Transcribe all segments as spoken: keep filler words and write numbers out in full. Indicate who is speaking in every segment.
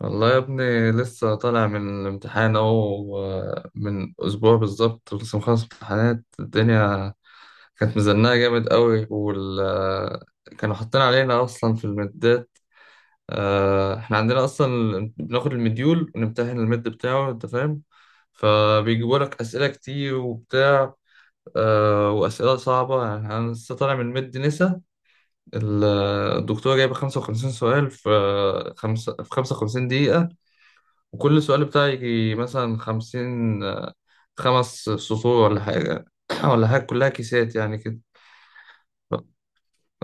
Speaker 1: والله يا ابني لسه طالع من الامتحان اهو، آه، من اسبوع بالظبط. لسه مخلص امتحانات. الدنيا كانت مزنقه جامد قوي. وال آه، كانوا حاطين علينا اصلا في المدات. آه، احنا عندنا اصلا بناخد المديول ونمتحن المد بتاعه، انت فاهم. فبيجيبوا لك اسئله كتير وبتاع، آه، واسئله صعبه. يعني انا لسه طالع من مد نسا. ال- الدكتوره جايبه خمسة وخمسين سؤال في آه، خمسة في خمسة وخمسين دقيقه، وكل سؤال بتاعي يجي مثلا خمسين آه، خمس سطور ولا حاجة. ولا حاجة، كلها كيسات يعني كده. ف-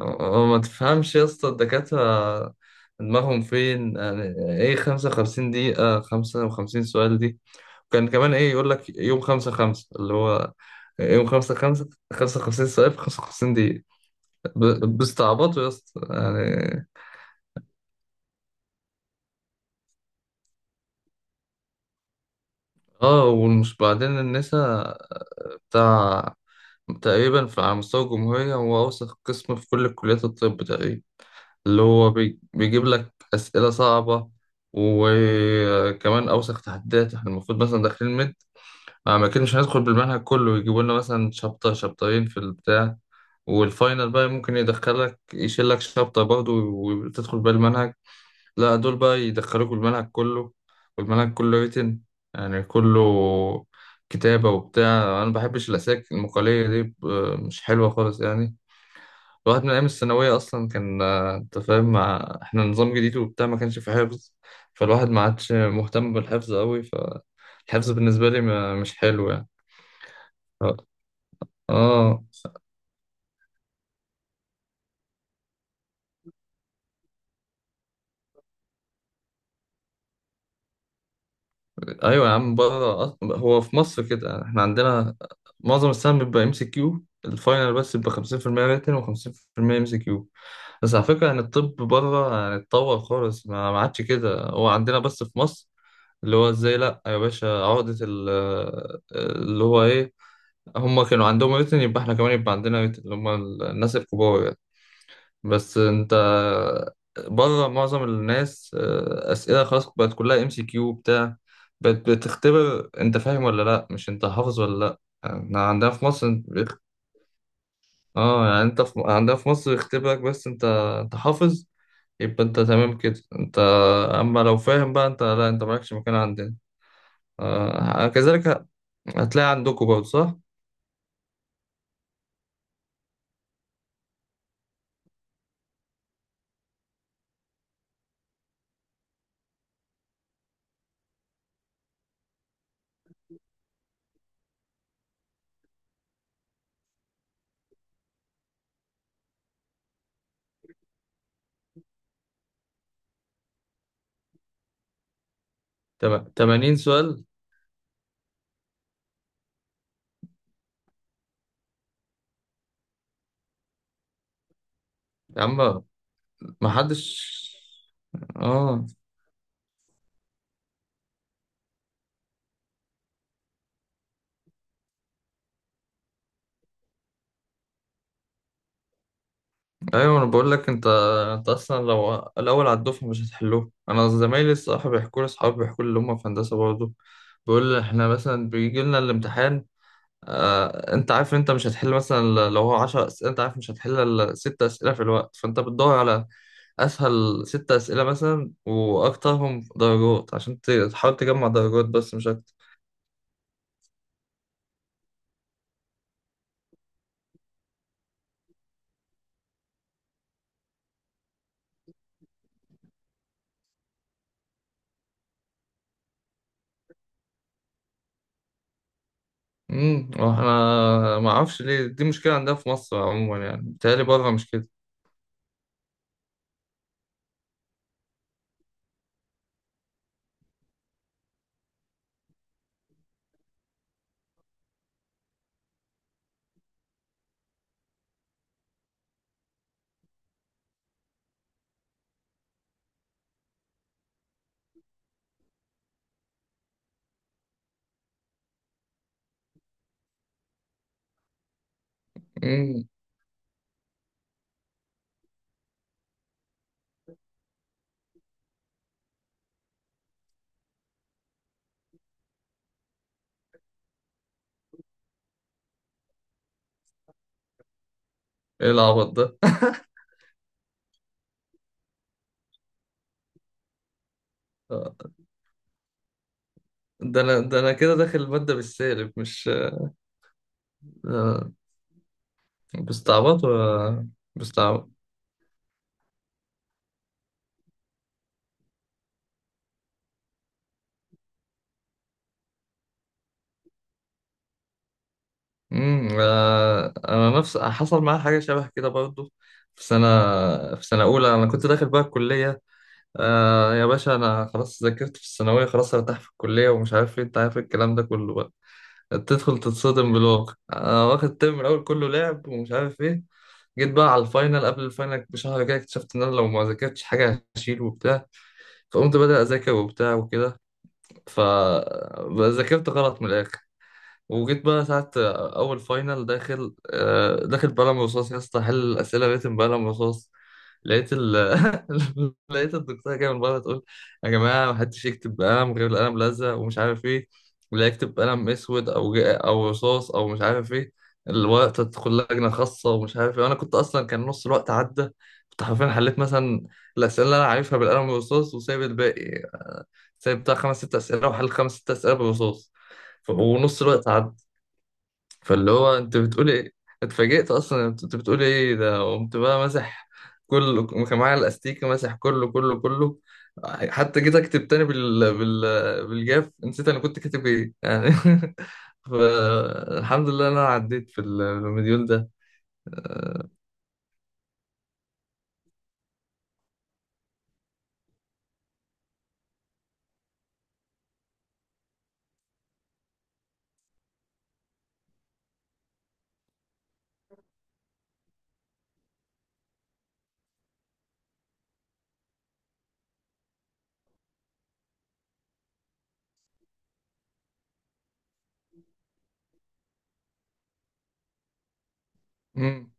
Speaker 1: آه، ما تفهمش يا اسطى. الدكاترة دماغهم فين يعني؟ ايه خمسة وخمسين دقيقة خمسة وخمسين سؤال دي؟ وكان كمان ايه، يقول لك يوم خمسة خمسة، اللي هو يوم خمسة خمسة، خمسة وخمسين سؤال في خمسة وخمسين دقيقة. ب- بيستعبطوا يا اسطى يعني. اه، ومش بعدين النسا بتاع تقريبا في- على مستوى الجمهورية هو أوسخ قسم في كل كليات الطب تقريبا. اللي هو بي- بيجيب لك أسئلة صعبة. وكمان أوسخ تحديات، احنا المفروض مثلا داخلين مد، آه، ما كناش هندخل بالمنهج كله. يجيبوا لنا مثلا شابتر شابترين في البتاع، والفاينل بقى ممكن يدخلك يشيل لك شابتر برضه وتدخل بالمنهج. لا، دول بقى يدخلوك الملعب كله، والملعب كله ريتن، يعني كله كتابة وبتاع. أنا مبحبش الأساك المقالية دي. ب- مش حلوة خالص يعني. الواحد من أيام الثانوية أصلا كان، آه، أنت فاهم، مع إحنا نظام جديد وبتاع ما كانش في حفظ. فالواحد ما عادش مهتم بالحفظ أوي. فالحفظ بالنسبة لي ما- مش حلو يعني. ف- آه ايوه يا عم، بره هو في مصر كده يعني. احنا عندنا معظم السهم بيبقى ام سي كيو. الفاينل بس بيبقى خمسين في المية ريتن و50% ام سي كيو. بس على فكره، يعني الطب بره يعني اتطور خالص، ما ما عادش كده. هو عندنا بس في مصر اللي هو ازاي. لا يا باشا، عقده ال- اللي هو ايه، هم كانوا عندهم ريتن، يبقى احنا كمان يبقى عندنا ريتن، اللي هم الناس الكبار يعني. بس انت بره معظم الناس آه، اسئله خلاص بقت كلها ام سي كيو بتاع. بقت بتختبر انت فاهم ولا لا، مش انت حافظ ولا لا. احنا عندنا في مصر انت بيخ- اه يعني انت في... عندنا في مصر يختبرك بس انت، انت حافظ يبقى انت تمام كده. انت اما لو فاهم بقى، انت لا، انت مالكش مكان عندنا. آه كذلك ه- هتلاقي عندكم برضه صح. تم- تمانين سؤال؟ يا عم ما حدش. اه، ايوه انا بقول لك، انت انت اصلا لو الاول على الدفعه مش هتحلوه. انا زمايلي الصراحه بيحكوا لي، اصحابي بيحكوا لي اللي هم في هندسه برضه، بيقول لي احنا مثلا بيجي لنا الامتحان، آه انت عارف انت مش هتحل مثلا، ل- لو هو عشرة اسئله انت عارف مش هتحل الا ست اسئله في الوقت، فانت بتدور على اسهل ست اسئله مثلا واكترهم درجات عشان ت- تحاول تجمع درجات بس، مش اكتر. امم، واحنا ما اعرفش ليه دي مشكله عندنا في مصر عموما، يعني بيتهيألي بره مش كده. امم، ايه العبط ده؟ ده انا ده انا كده داخل المادة بالسالب، مش آه، بستعبط ولا بستعبط. امم، آه، انا نفس حصل معايا حاجة شبه كده برضو. في سنة في سنة أولى أنا كنت داخل بقى الكلية، آه يا باشا، أنا خلاص ذاكرت في الثانوية خلاص هرتاح في الكلية ومش عارف إيه، أنت عارف الكلام ده كله بقى. تدخل تتصدم بالواقع. أنا واخد الترم الأول كله لعب ومش عارف إيه، جيت بقى على الفاينل قبل الفاينل بشهر كده اكتشفت إن أنا لو ما ذاكرتش حاجة هشيل وبتاع. فقمت بدأ أذاكر وبتاع وكده. فذاكرت غلط من الآخر. وجيت بقى ساعة أول فاينل، داخل آه، داخل بقلم رصاص يا اسطى. حل الأسئلة ريتم بقلم رصاص. لقيت ال... لقيت الدكتورة جاية من بره تقول: يا جماعة محدش يكتب بقلم غير القلم لزق ومش عارف إيه، اللي يكتب بقلم أسود أو أو رصاص أو مش عارف إيه الورقة تدخل لجنة خاصة ومش عارف إيه. وأنا كنت أصلا كان نص الوقت عدى. كنت حرفيا حليت مثلا الأسئلة اللي أنا عارفها بالقلم والرصاص، وسايب الباقي. آه، سايب بتاع خمس ست أسئلة، وحل خمس ست أسئلة بالرصاص. ف- ونص الوقت عدى. فاللي هو انت بتقول ايه، اتفاجئت اصلا انت بتقول ايه ده. قمت بقى مسح كله، كان معايا الاستيكه مسح كله كله كله. حتى جيت اكتب تاني بال... بال... بالجاف نسيت انا كنت كاتب ايه يعني. فالحمد لله إن انا عديت في المديول ده. مم.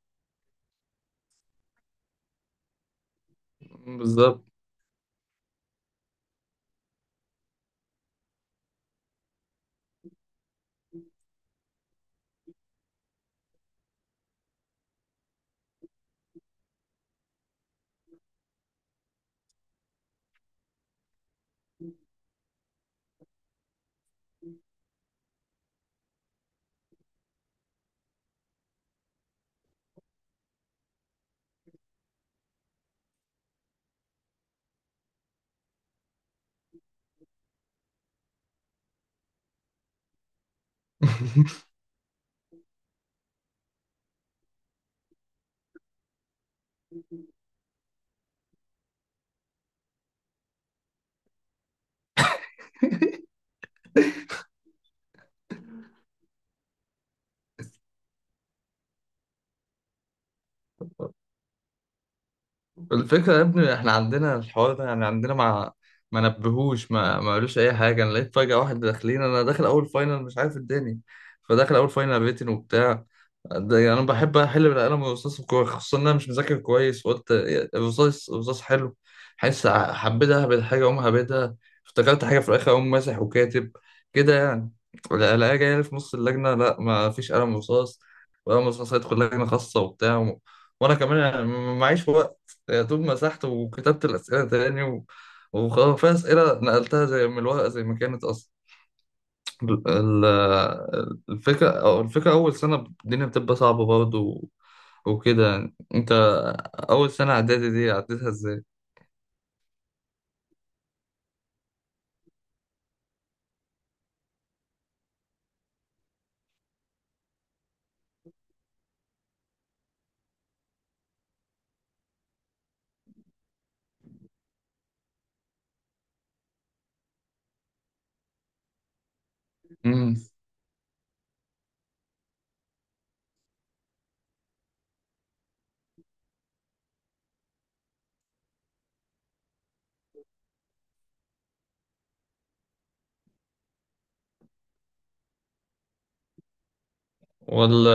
Speaker 1: بالظبط. الفكرة يا ابني احنا عندنا الحوار ده، يعني عندنا ما ما نبهوش، ما ما قالوش اي حاجة. انا لقيت فجأة واحد داخلين، انا داخل اول فاينل مش عارف الدنيا، فداخل اول فاينل ريتن وبتاع. ده يعني انا بحب احل بالقلم والرصاص والكورة، خصوصا ان انا مش مذاكر كويس. وقلت: الرصاص الرصاص حلو، حاسس حبيت اهبد حاجة اقوم هبدها، افتكرت حاجة في الاخر اقوم ماسح وكاتب كده يعني. لا- الاقيها جاية لي في نص اللجنة: لا ما فيش قلم رصاص، وقلم رصاص هيدخل لجنة خاصة وبتاع. وانا كمان يعني معيش وقت. يا دوب مسحت وكتبت الأسئلة تاني، و... وخلاص في أسئلة نقلتها زي من الورقة زي ما كانت أصلا. ال- ال- الفكرة أو الفكرة أول سنة الدنيا بتبقى صعبة برضه و... وكده يعني. أنت أول سنة إعدادي دي عديتها إزاي؟ مم. ولا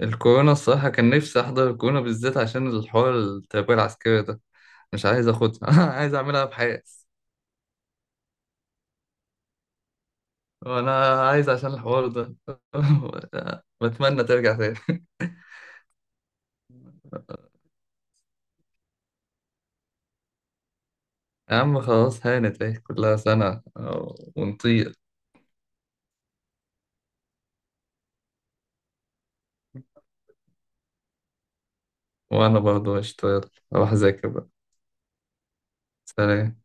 Speaker 1: الكورونا الصراحة كان نفسي أحضر الكورونا بالذات عشان الحوار التربية العسكرية ده، مش عايز أخدها. عايز أعملها بحياتي. وأنا عايز عشان الحوار ده، بتمنى ترجع تاني. يا عم خلاص هانت، اهي كلها سنة ونطير. وأنا برضه هشتغل، أروح أذاكر بقى. سلام.